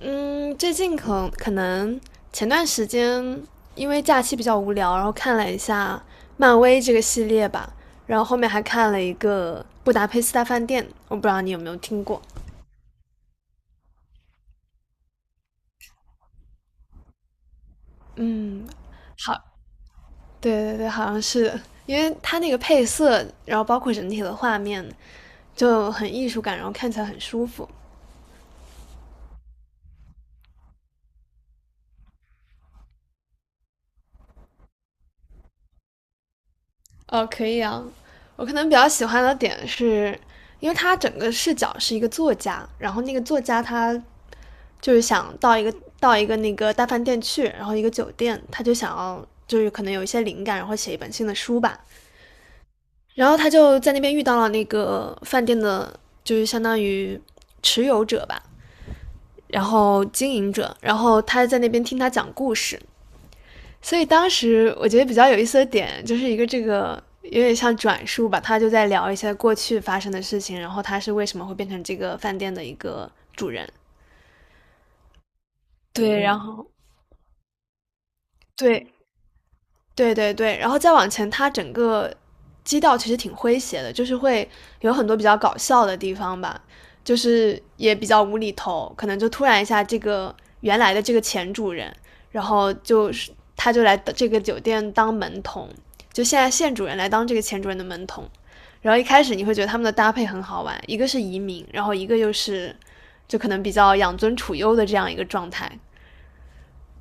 嗯，最近可能前段时间因为假期比较无聊，然后看了一下漫威这个系列吧，然后后面还看了一个《布达佩斯大饭店》，我不知道你有没有听过。嗯，好，对对对，好像是因为它那个配色，然后包括整体的画面就很艺术感，然后看起来很舒服。哦，可以啊。我可能比较喜欢的点是，因为它整个视角是一个作家，然后那个作家他就是想到一个到一个那个大饭店去，然后一个酒店，他就想要就是可能有一些灵感，然后写一本新的书吧。然后他就在那边遇到了那个饭店的，就是相当于持有者吧，然后经营者，然后他在那边听他讲故事。所以当时我觉得比较有意思的点，就是一个这个有点像转述吧，他就在聊一些过去发生的事情，然后他是为什么会变成这个饭店的一个主人。对，然后对，对对对，然后再往前，它整个基调其实挺诙谐的，就是会有很多比较搞笑的地方吧，就是也比较无厘头，可能就突然一下，这个原来的这个前主人，然后就是他就来这个酒店当门童，就现在现主人来当这个前主人的门童，然后一开始你会觉得他们的搭配很好玩，一个是移民，然后一个又是就可能比较养尊处优的这样一个状态，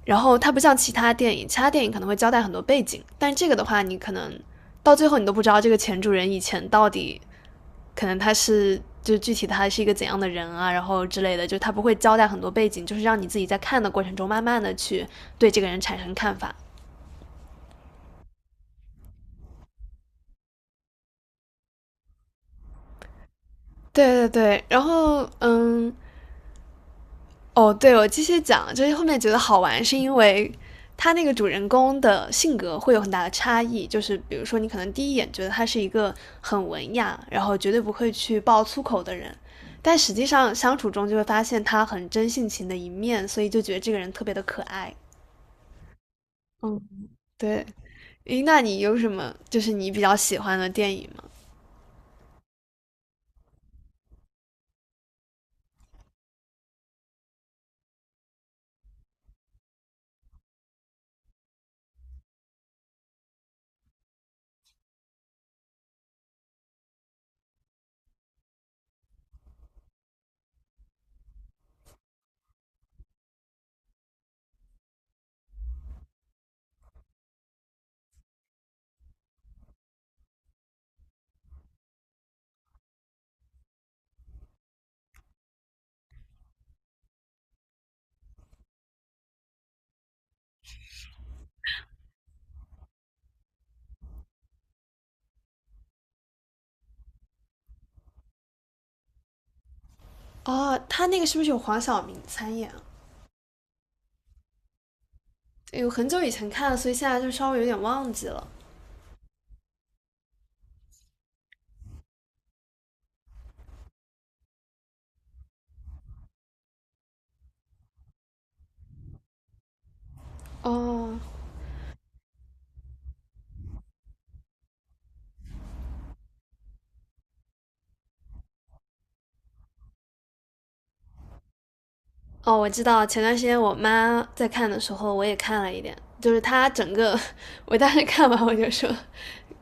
然后它不像其他电影，其他电影可能会交代很多背景，但这个的话，你可能到最后你都不知道这个前主人以前到底可能他是就具体他是一个怎样的人啊，然后之类的，就他不会交代很多背景，就是让你自己在看的过程中慢慢的去对这个人产生看法。对对对，然后嗯，哦，对，我继续讲，就是后面觉得好玩，是因为他那个主人公的性格会有很大的差异。就是比如说，你可能第一眼觉得他是一个很文雅，然后绝对不会去爆粗口的人，但实际上相处中就会发现他很真性情的一面，所以就觉得这个人特别的可爱。嗯，对。诶，那你有什么就是你比较喜欢的电影吗？哦，他那个是不是有黄晓明参演啊有很久以前看了，所以现在就稍微有点忘记了。哦，哦，我知道，前段时间我妈在看的时候，我也看了一点，就是她整个，我当时看完我就说，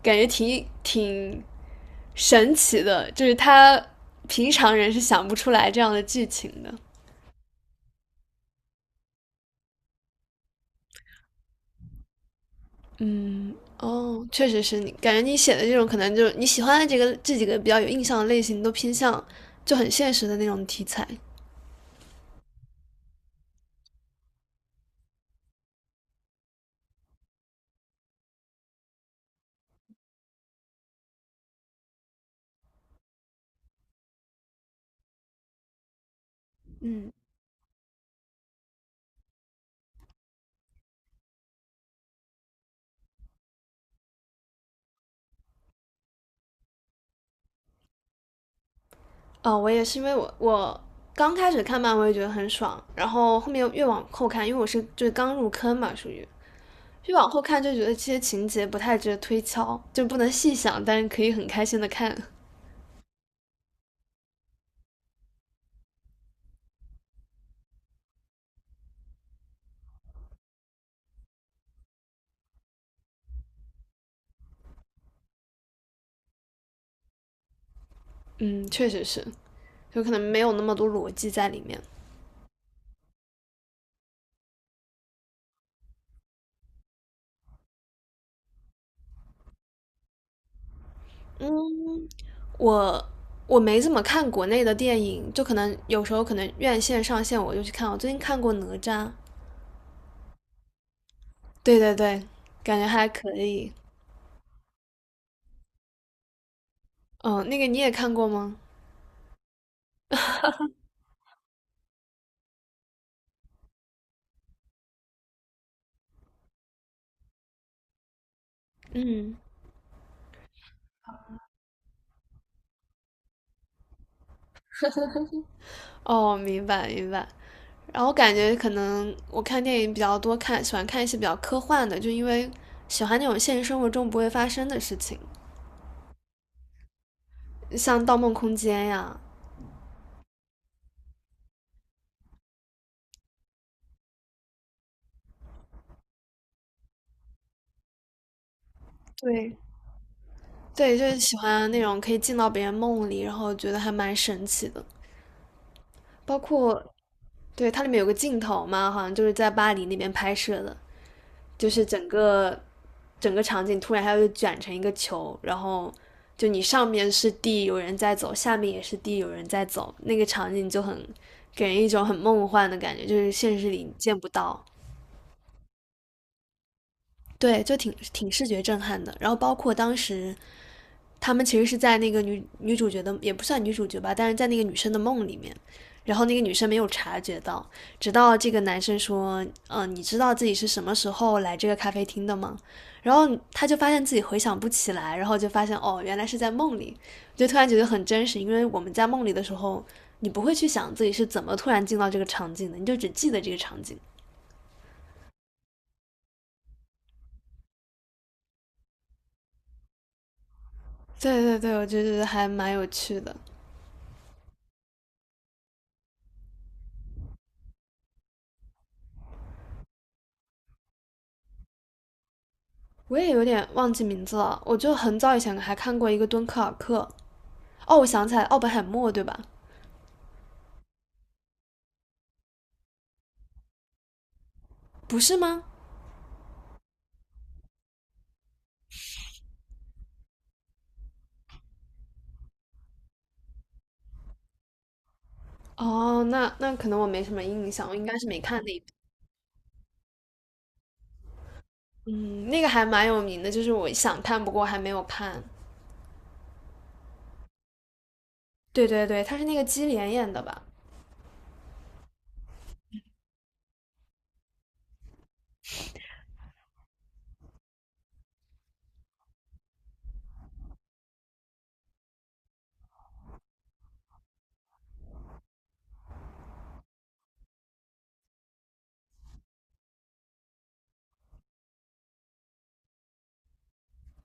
感觉挺神奇的，就是她平常人是想不出来这样的剧情的。嗯，哦，确实是你，感觉你写的这种可能就是你喜欢的这个这几个比较有印象的类型，都偏向就很现实的那种题材。嗯，哦，我也是因为我刚开始看漫威觉得很爽，然后后面越往后看，因为我是就是刚入坑嘛，属于，越往后看就觉得这些情节不太值得推敲，就不能细想，但是可以很开心的看。嗯，确实是，有可能没有那么多逻辑在里面。嗯，我我没怎么看国内的电影，就可能有时候可能院线上线我就去看。我最近看过《哪吒》，对对对，感觉还可以。嗯，那个你也看过吗？嗯，哦，明白明白。然后感觉可能我看电影比较多，看喜欢看一些比较科幻的，就因为喜欢那种现实生活中不会发生的事情，像《盗梦空间》呀，对对，就是喜欢那种可以进到别人梦里，然后觉得还蛮神奇的。包括对它里面有个镜头嘛，好像就是在巴黎那边拍摄的，就是整个场景突然它就卷成一个球，然后就你上面是地，有人在走，下面也是地，有人在走，那个场景就很给人一种很梦幻的感觉，就是现实里见不到。对，就挺视觉震撼的。然后包括当时他们其实是在那个女主角的也不算女主角吧，但是在那个女生的梦里面，然后那个女生没有察觉到，直到这个男生说："你知道自己是什么时候来这个咖啡厅的吗？"然后他就发现自己回想不起来，然后就发现哦，原来是在梦里，就突然觉得很真实，因为我们在梦里的时候，你不会去想自己是怎么突然进到这个场景的，你就只记得这个场景。对对对，我就觉得还蛮有趣的。我也有点忘记名字了，我就很早以前还看过一个敦刻尔克，哦，我想起来，奥本海默对吧？不是吗？哦，那那可能我没什么印象，我应该是没看那一部。嗯，那个还蛮有名的，就是我想看，不过还没有看。对对对，他是那个基连演的吧？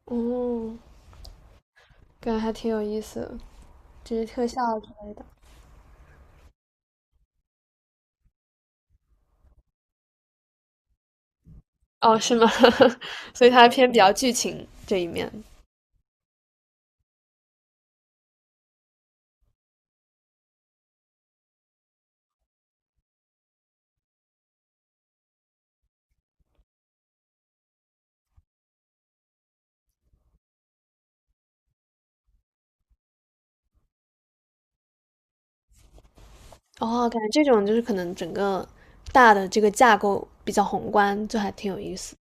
哦，感觉还挺有意思的，只是特效之类的。哦，是吗？所以它偏比较剧情这一面。哦，感觉这种就是可能整个大的这个架构比较宏观，就还挺有意思。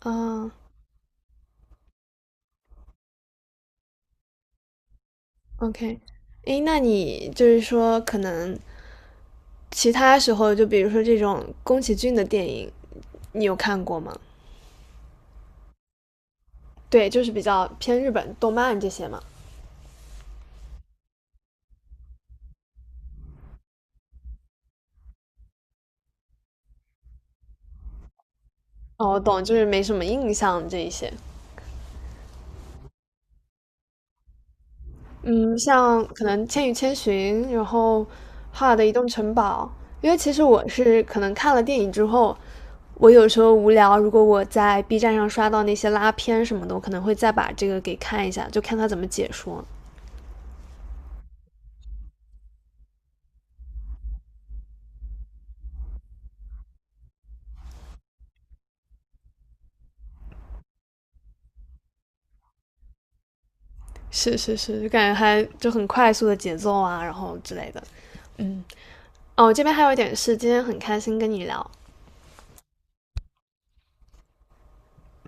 啊，OK,诶，那你就是说可能其他时候，就比如说这种宫崎骏的电影，你有看过吗？对，就是比较偏日本动漫这些嘛。哦，我懂，就是没什么印象这一些。嗯，像可能《千与千寻》，然后《哈尔的移动城堡》，因为其实我是可能看了电影之后，我有时候无聊，如果我在 B 站上刷到那些拉片什么的，我可能会再把这个给看一下，就看他怎么解说。是是是，就感觉还就很快速的节奏啊，然后之类的。嗯。哦，这边还有一点是，今天很开心跟你聊，